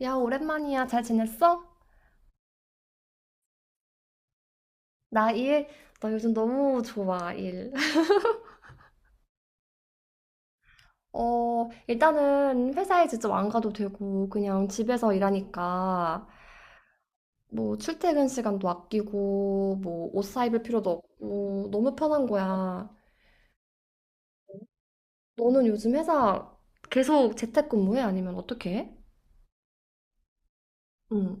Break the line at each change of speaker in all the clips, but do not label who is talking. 야, 오랜만이야. 잘 지냈어? 나 일, 나 요즘 너무 좋아, 일. 일단은 회사에 직접 안 가도 되고, 그냥 집에서 일하니까, 뭐, 출퇴근 시간도 아끼고, 뭐, 옷 사입을 필요도 없고, 너무 편한 거야. 너는 요즘 회사 계속 재택근무해? 아니면 어떻게 해? 응,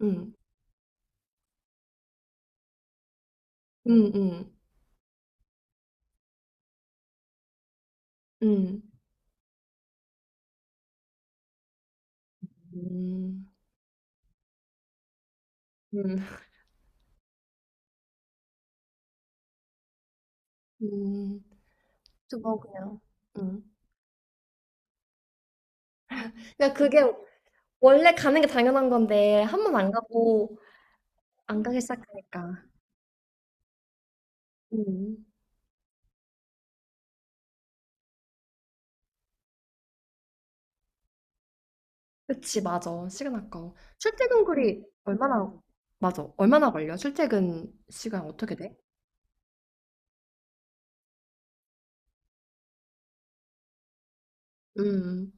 응, 응, 응, 응, 응, 응, 응. 그거 그냥. 응. 그러니까 그게 원래 가는 게 당연한 건데 한 번 안 가고 안 가기 시작하니까. 음. 그치, 맞아. 시간 아까워. 출퇴근 거리 얼마나, 맞아. 얼마나 걸려? 출퇴근 시간 어떻게 돼? 음.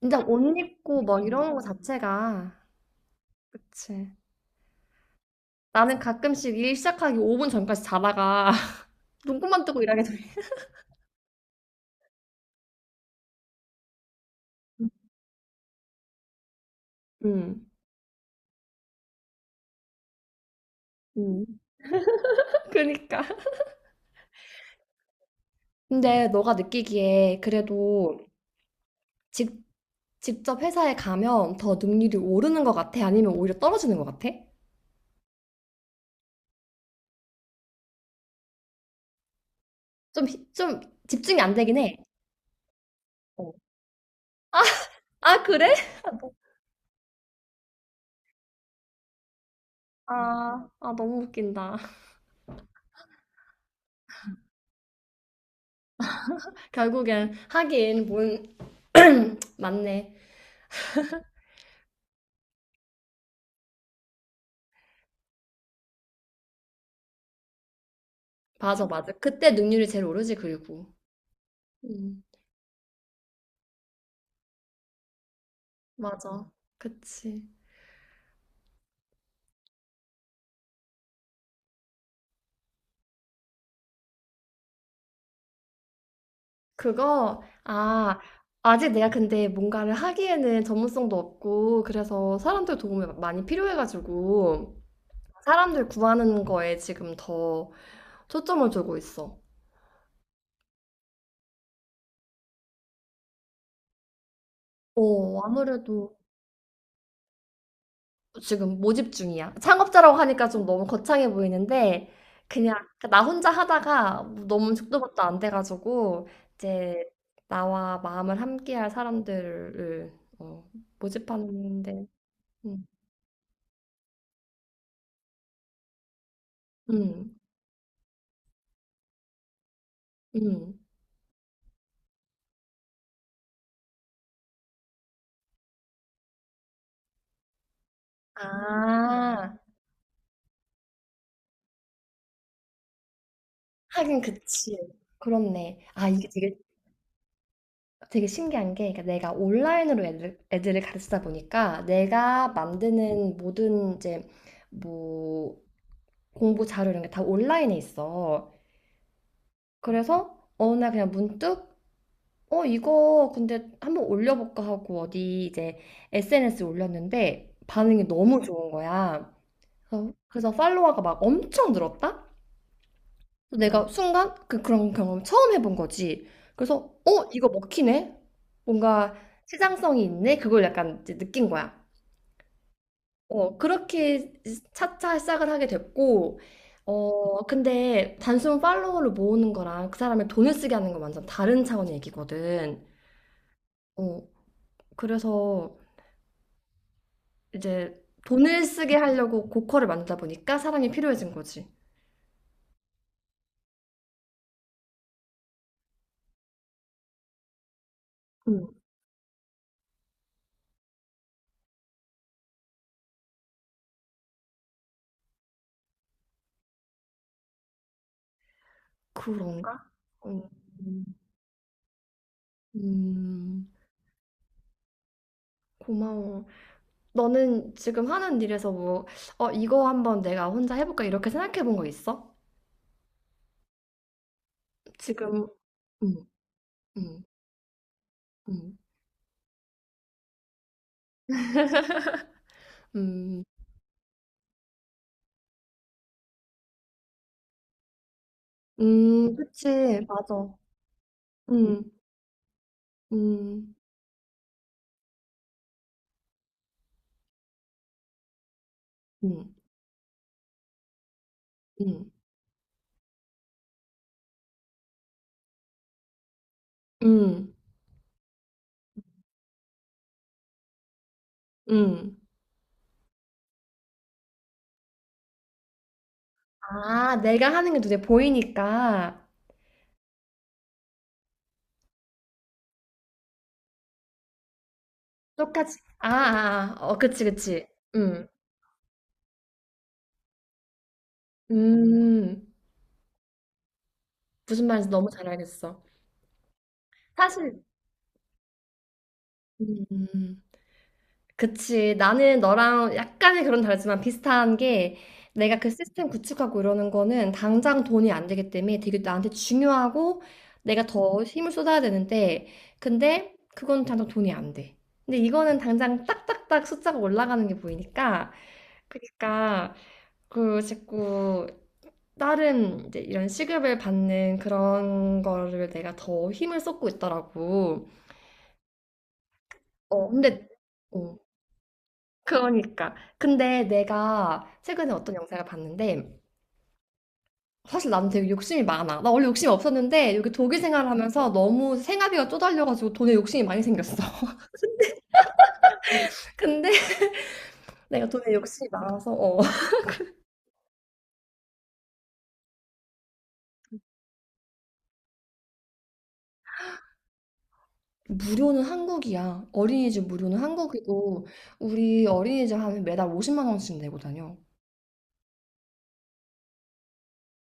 근데 옷 입고 뭐 이런 거 자체가, 그치. 나는 가끔씩 일 시작하기 5분 전까지 자다가 눈곱만 뜨고 일하게 돼. 음. 음. 그러니까. 근데 너가 느끼기에 그래도 직 직접 회사에 가면 더 능률이 오르는 것 같아? 아니면 오히려 떨어지는 것 같아? 좀 집중이 안 되긴 해. 어. 아, 그래? 아, 너- 아, 아, 너무 웃긴다. 결국엔 하긴 뭔 맞네. 맞아, 맞아. 그때 능률이 제일 오르지, 그리고. 음, 맞아. 그치. 그거, 아, 아직 내가 근데 뭔가를 하기에는 전문성도 없고, 그래서 사람들 도움이 많이 필요해가지고, 사람들 구하는 거에 지금 더 초점을 두고 있어. 어, 아무래도 지금 모집 중이야. 창업자라고 하니까 좀 너무 거창해 보이는데, 그냥 그러니까 나 혼자 하다가 너무 죽도밥도 안 돼가지고, 이제 나와 마음을 함께할 사람들을 어, 모집하는데, 음, 음, 음. 아, 하긴 그치. 그렇네. 아, 이게 되게 되게 신기한 게, 그러니까 내가 온라인으로 애들을 가르치다 보니까 내가 만드는 모든 이제 뭐 공부 자료 이런 게 다 온라인에 있어. 그래서 어느 날 그냥 문득 이거 근데 한번 올려볼까 하고 어디 이제 SNS에 올렸는데 반응이 너무 좋은 거야. 그래서 팔로워가 막 엄청 늘었다? 내가 순간 그런 경험을 처음 해본 거지. 그래서 이거 먹히네. 뭔가 시장성이 있네.' 그걸 약간 이제 느낀 거야. 그렇게 차차 시작을 하게 됐고 근데 단순 팔로워를 모으는 거랑 그 사람의 돈을 쓰게 하는 건 완전 다른 차원의 얘기거든. 어 그래서 이제 돈을 쓰게 하려고 고퀄을 만들다 보니까 사랑이 필요해진 거지. 음. 그런가? 음. 음. 고마워. 너는 지금 하는 일에서 뭐, 이거 한번 내가 혼자 해볼까? 이렇게 생각해 본 거 있어? 지금, 음, 음, 음, 음, 그치, 맞아. 음, 음, 음, 음, 음, 음. 아, 내가 하는 게 눈에 보이니까 똑같이. 아, 아, 아. 어, 그치, 그치. 음, 음. 무슨 말인지 너무 잘 알겠어. 사실, 음. 그치. 나는 너랑 약간의 그런 다르지만 비슷한 게 내가 그 시스템 구축하고 이러는 거는 당장 돈이 안 되기 때문에 되게 나한테 중요하고 내가 더 힘을 쏟아야 되는데 근데 그건 당장 돈이 안 돼. 근데 이거는 당장 딱딱딱 숫자가 올라가는 게 보이니까 그러니까 그 자꾸 다른 이제 이런 시급을 받는 그런 거를 내가 더 힘을 쏟고 있더라고. 어, 근데 어, 그러니까. 근데 내가 최근에 어떤 영상을 봤는데, 사실 나는 되게 욕심이 많아. 나 원래 욕심이 없었는데, 여기 독일 생활을 하면서 너무 생활비가 쪼달려가지고 돈에 욕심이 많이 생겼어. 근데 내가 돈에 욕심이 많아서, 어. 무료는 한국이야. 어린이집 무료는 한국이고, 우리 어린이집 하면 매달 50만 원씩 내고 다녀.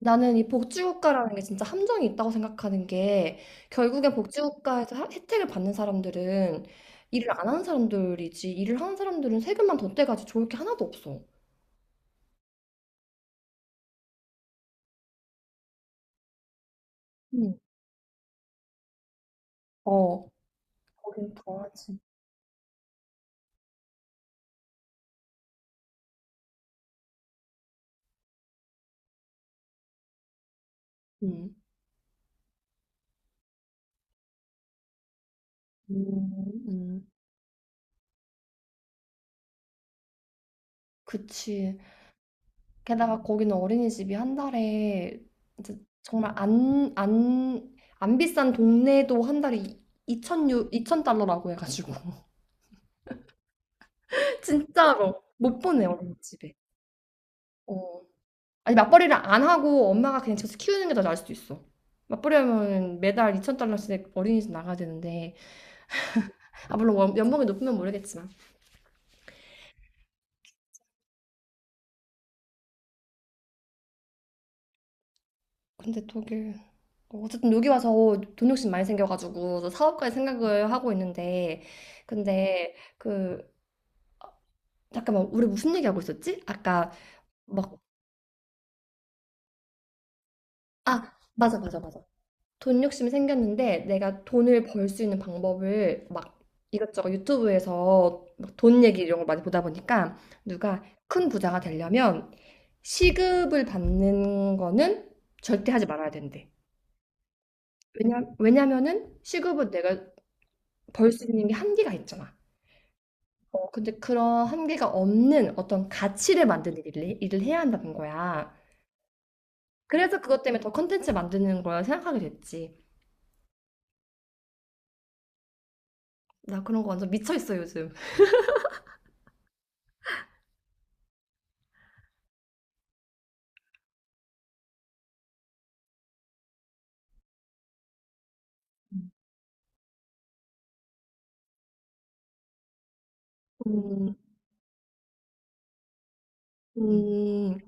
나는 이 복지국가라는 게 진짜 함정이 있다고 생각하는 게 결국엔 복지국가에서 혜택을 받는 사람들은 일을 안 하는 사람들이지 일을 하는 사람들은 세금만 더 떼가지 좋을 게 하나도 없어. 응 어, 거긴 더하지. 응 음, 음. 그치. 게다가 거기는 어린이집이 한 달에 이제 정말 안 비싼 동네도 한 달에 2천0 0달러라고 해가지고. 진짜로. 못 보내, 어린이집에. 어. 아니 맞벌이를 안 하고 엄마가 그냥 집에서 키우는 게 더 나을 수도 있어. 맞벌이 하면 매달 2천 달러씩 어린이집 나가야 되는데 물론 연봉이 높으면 모르겠지만 근데 독일 어쨌든 여기 와서 돈 욕심 많이 생겨가지고 저 사업까지 생각을 하고 있는데 근데 그 잠깐만 우리 무슨 얘기하고 있었지? 아까 막 맞아 맞아 맞아 돈 욕심이 생겼는데 내가 돈을 벌 수 있는 방법을 막 이것저것 유튜브에서 막 돈 얘기 이런 걸 많이 보다 보니까 누가 큰 부자가 되려면 시급을 받는 거는 절대 하지 말아야 된대. 왜냐면은 시급은 내가 벌 수 있는 게 한계가 있잖아. 근데 그런 한계가 없는 어떤 가치를 만드는 일을 해야 한다는 거야. 그래서 그것 때문에 더 컨텐츠 만드는 걸 생각하게 됐지. 나 그런 거 완전 미쳐 있어, 요즘. 음, 음,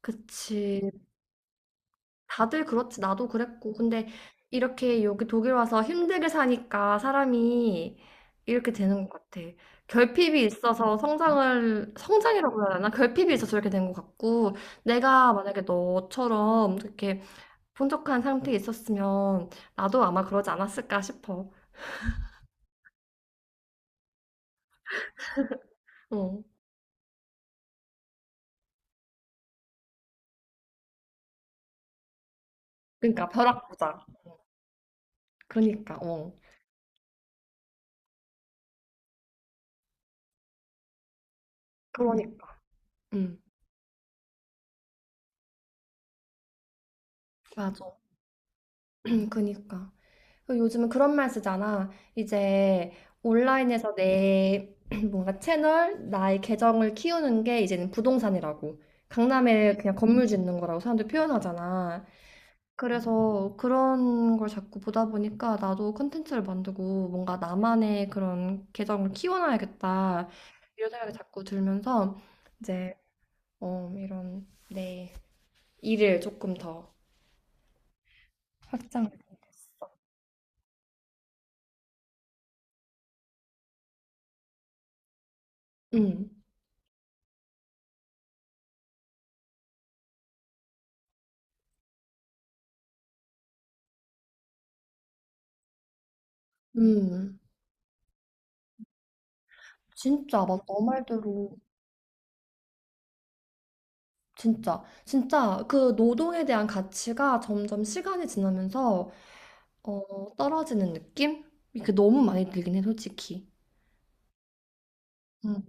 그치. 다들 그렇지. 나도 그랬고. 근데 이렇게 여기 독일 와서 힘들게 사니까 사람이 이렇게 되는 것 같아. 결핍이 있어서 성장이라고 해야 되나? 결핍이 있어서 이렇게 된 것 같고, 내가 만약에 너처럼 이렇게 풍족한 상태에 있었으면 나도 아마 그러지 않았을까 싶어. 어. 그러니까 벼락 부자. 그러니까, 어. 그러니까. 응. 맞아. 응, 그니까. 그 요즘은 그런 말 쓰잖아. 이제 온라인에서 내 뭔가 채널, 나의 계정을 키우는 게 이제는 부동산이라고. 강남에 그냥 건물 짓는 거라고 사람들 표현하잖아. 그래서 그런 걸 자꾸 보다 보니까 나도 콘텐츠를 만들고 뭔가 나만의 그런 계정을 키워놔야겠다. 이런 생각이 자꾸 들면서 이제 이런 내 일을 조금 더 확장. 응, 응. 진짜 맞아. 너 말대로. 진짜, 진짜 그 노동에 대한 가치가 점점 시간이 지나면서 떨어지는 느낌? 이게 너무 많이 들긴 해, 솔직히. 응,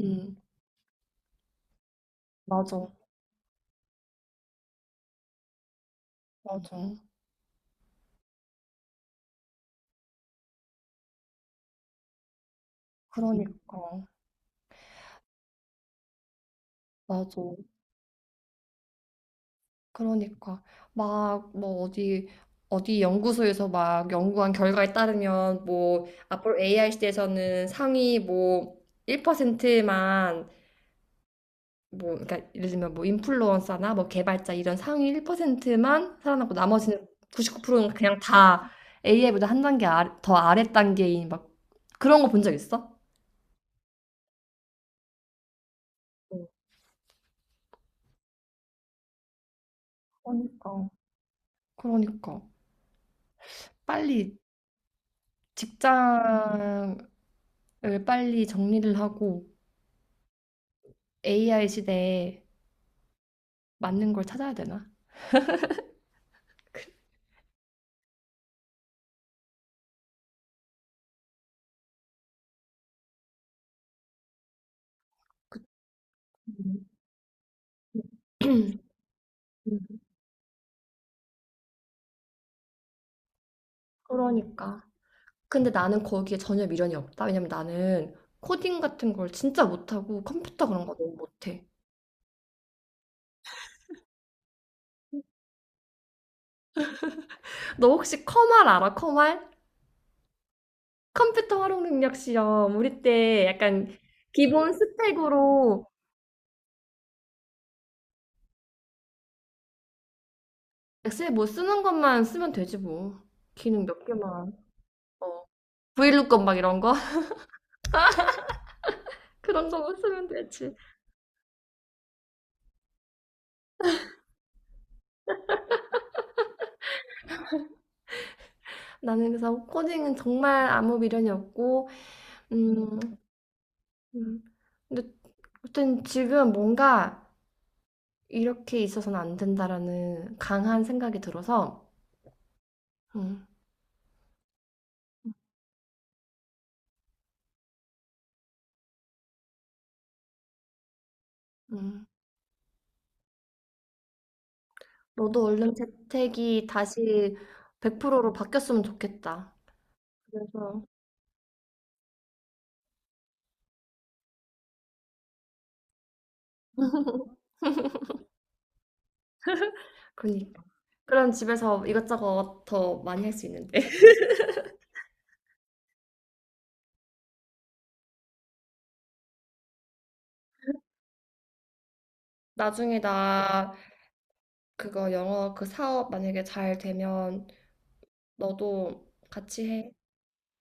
응, 맞아, 맞아. 그러니까, 맞아. 그러니까 막 뭐 어디 어디 연구소에서 막 연구한 결과에 따르면 뭐 앞으로 AI 시대에서는 상위 뭐 1%만 뭐 그러니까 예를 들면 뭐 인플루언서나 뭐 개발자 이런 상위 1%만 살아남고 나머지는 99%는 그냥 다 AI보다 한 단계 아래, 더 아래 단계인 막 그런 거 본 적 있어? 어, 그러니까. 그러니까 빨리 직장을 빨리 정리를 하고 AI 시대에 맞는 걸 찾아야 되나? 음, 음. 그러니까. 근데 나는 거기에 전혀 미련이 없다. 왜냐면 나는 코딩 같은 걸 진짜 못하고 컴퓨터 그런 거 너무 못해. 너 혹시 컴활 알아? 컴활? 컴퓨터 활용 능력 시험. 우리 때 약간 기본 스펙으로 엑셀 못 쓰는 것만 쓰면 되지 뭐. 기능 몇 개만. 어. 브이루건 막 이런 거? 그런 거만 쓰면 되지. 나는 그래서 코딩은 정말 아무 미련이 없고, 음, 음. 근데 아무튼 지금 뭔가 이렇게 있어서는 안 된다라는 강한 생각이 들어서, 음, 음. 너도 얼른 재택이 다시 100%로 바뀌었으면 좋겠다. 그래서 그니까. 그럼 집에서 이것저것 더 많이 할 수 있는데. 나중에 나 그거 영어 그 사업 만약에 잘 되면 너도 같이 해.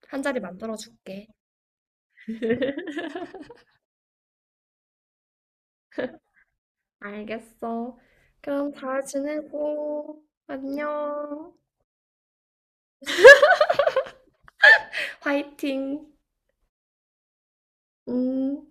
한 자리 만들어 줄게. 알겠어. 그럼 잘 지내고 안녕. 화이팅. 음.